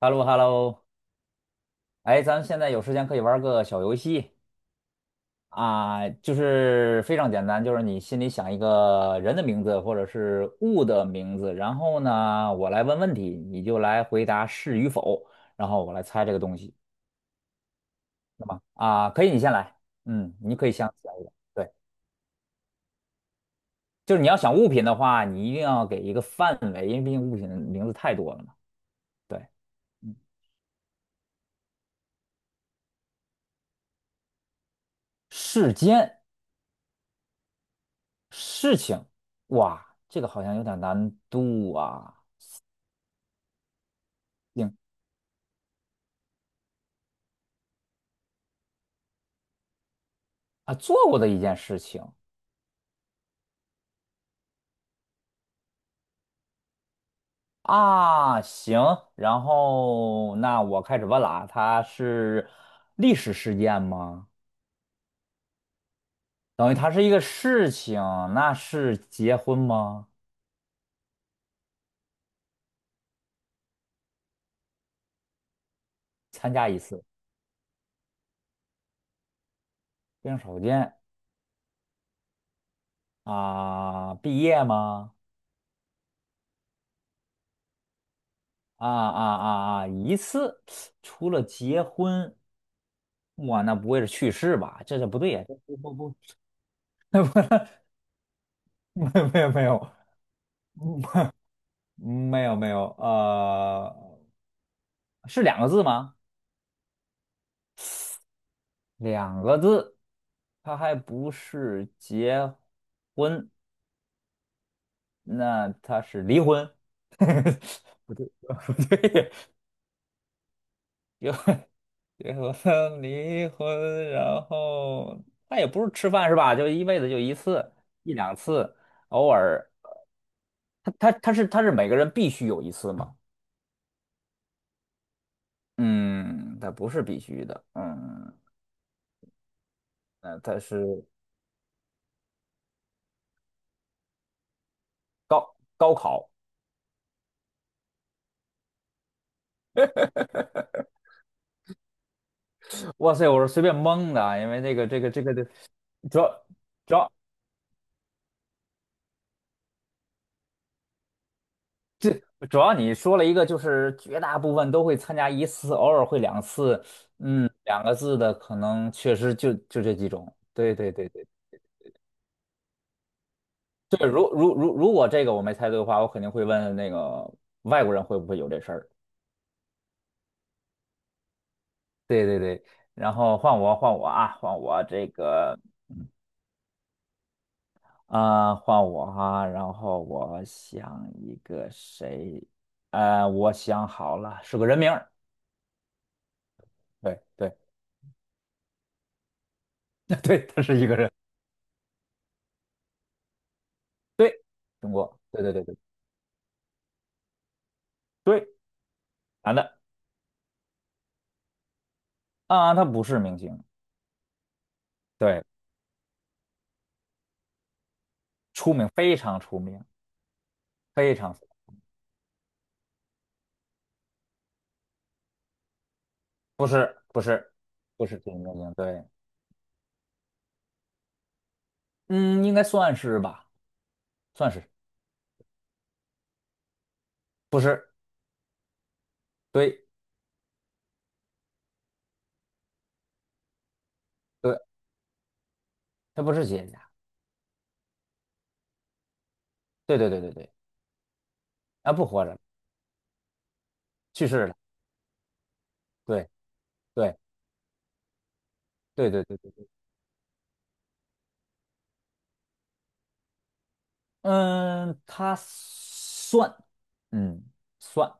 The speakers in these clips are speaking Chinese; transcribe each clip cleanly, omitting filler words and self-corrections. h e l l o h e l l o 哎，咱们现在有时间可以玩个小游戏啊，就是非常简单，就是你心里想一个人的名字或者是物的名字，然后呢，我来问问题，你就来回答是与否，然后我来猜这个东西啊，可以，你先来，嗯，你可以先想一个，对，就是你要想物品的话，你一定要给一个范围，因为毕竟物品的名字太多了嘛，对。嗯世间事情，哇，这个好像有点难度啊。行啊，做过的一件事情啊，行，然后那我开始问了啊，它是历史事件吗？等于它是一个事情，那是结婚吗？参加一次，非常少见啊，毕业吗？啊啊啊啊，一次，除了结婚，哇，那不会是去世吧？这不对呀，这不不不，没有没有没有没有没有，是两个字吗？两个字，他还不是结婚，那他是离婚。不对，不对，有结婚离婚，然后它也不是吃饭是吧？就一辈子就一次，一两次，偶尔。他是每个人必须有一次吗？嗯，他不是必须的。嗯，那它是高考。哇塞，我是随便蒙的啊，因为那个这个的，主要。主要主要你说了一个，就是绝大部分都会参加一次，偶尔会两次，嗯，两个字的可能确实就这几种。对对对对对，如果这个我没猜对的话，我肯定会问那个外国人会不会有这事儿。对对对，然后换我啊，换我这个啊、呃换我哈、然后我想一个谁，我想好了，是个人名儿。对对 对，他是一个人，对，中国，对对对对。对。男的啊，他不是明星，对，非常出名，非常不是不是不是电影明星，对，嗯，应该算是吧，算是不是？对对，他不是企业家，对对对对对，啊，不活着，了，去世了，对对对对对对对，嗯，他算，嗯，算，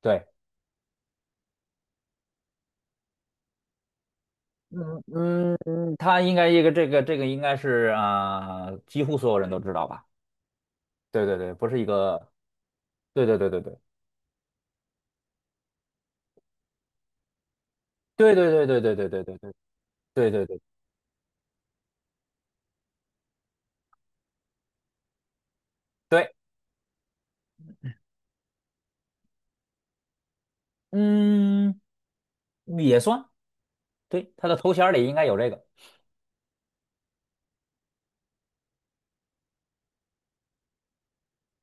对，嗯嗯嗯，他应该一个这个应该是啊、几乎所有人都知道吧？对对对，不是一个，对对对对对。对对对对对对对对对对对对对，嗯，也算，对，他的头衔儿里应该有这个，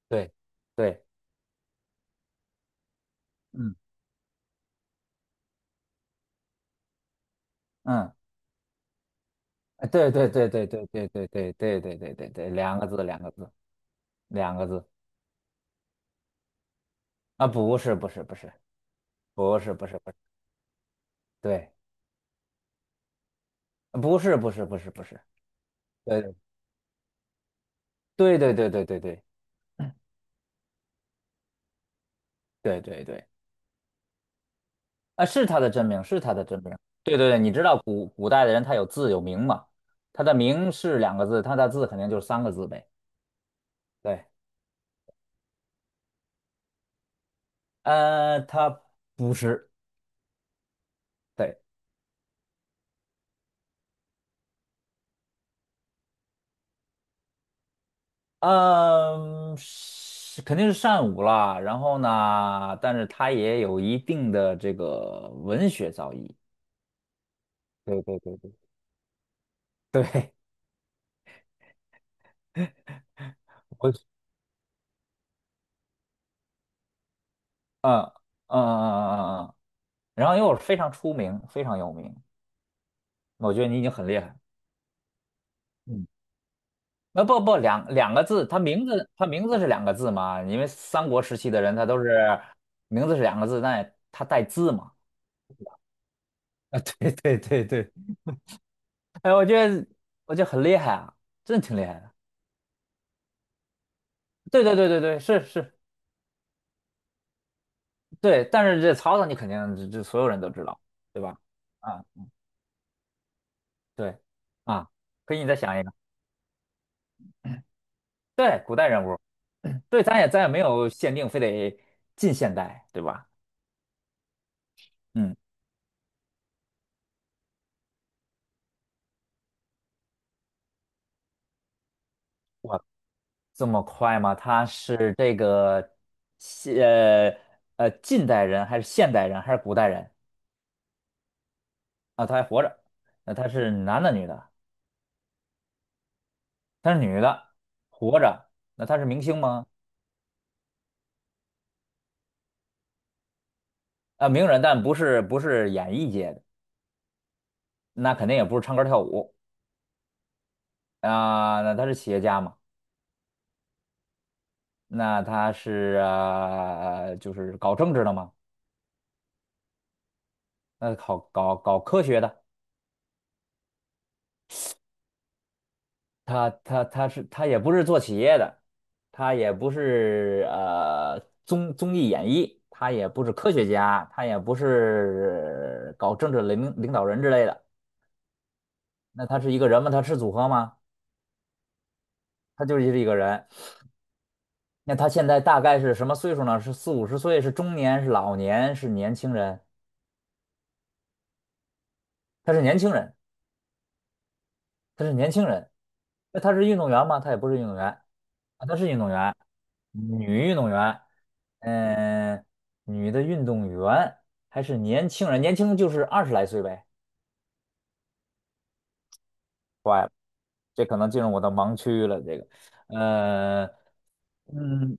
对对，嗯嗯，对对对对对对对对对对对对对，两个字两个字两个字啊，不是不是不是不是不是不是，对，啊不是不是不是不是，对对对对对对对对对对，啊，是他的真名，是他的真名，对对对，你知道古代的人他有字有名嘛，他的名是两个字，他的字肯定就是三个字呗，对。他不是，对，嗯，肯定是善舞啦。然后呢，但是他也有一定的这个文学造诣。对对对对，对 我嗯嗯嗯嗯嗯嗯，然后又是非常出名，非常有名。我觉得你已经很厉害。嗯，不不，两个字，他名字是两个字嘛？因为三国时期的人他都是名字是两个字，但他带字嘛。啊，对对对对，哎，我觉得很厉害啊，真的挺厉害的。对对对对对，是是，对。但是这曹操你肯定这所有人都知道，对吧？啊，对啊，可以你再想一个，对，古代人物，对，咱也没有限定，非得近现代，对吧？嗯，哇，这么快吗？他是这个现呃近代人还是现代人还是古代人啊？他还活着，那他是男的女的？他是女的，活着，那他是明星吗？啊，名人，但不是演艺界的，那肯定也不是唱歌跳舞啊、那他是企业家嘛？那他是就是搞政治的嘛？那搞科学的，他也不是做企业的，他也不是综艺演艺，他也不是科学家，他也不是搞政治领导人之类的。那他是一个人吗？他是组合吗？他就是一个人。那他现在大概是什么岁数呢？是四五十岁，是中年，是老年，是年轻人？他是年轻人，他是年轻人。那他是运动员吗？他也不是运动员啊，他是运动员，女运动员，嗯、女的运动员还是年轻人，年轻就是20来岁呗。这可能进入我的盲区了，这个，呃，嗯，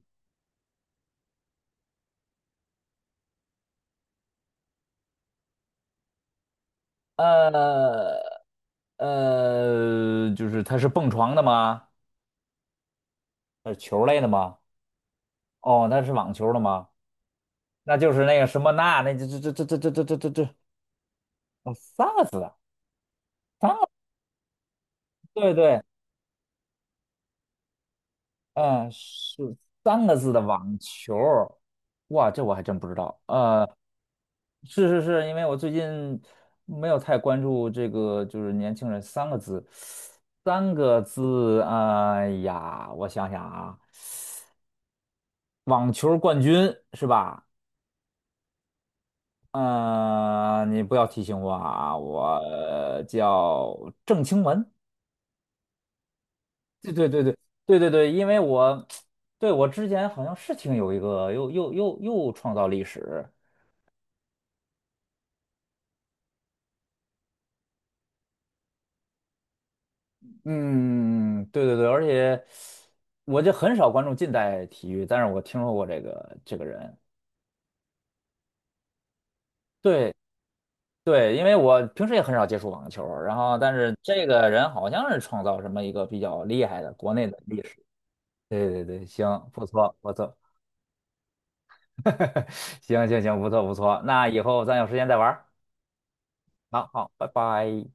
呃，就是他是蹦床的吗？他是球类的吗？哦，他是网球的吗？那就是那个什么那那这这这这这这这这这哦，三个字的，三个对对，嗯，是三个字的网球儿。哇，这我还真不知道。是是是，因为我最近没有太关注这个，就是年轻人三个字，三个字，哎呀，我想想啊，网球儿冠军是吧？嗯、你不要提醒我啊，我叫郑清文。对对对对对对对，因为我 对，我之前好像是听有一个又创造历史，嗯，对对对，而且我就很少关注近代体育，但是我听说过这个人，对对，因为我平时也很少接触网球，然后但是这个人好像是创造什么一个比较厉害的国内的历史，对对对，行，不错不错，行行行，不错不错，那以后咱有时间再玩儿，好好，拜拜。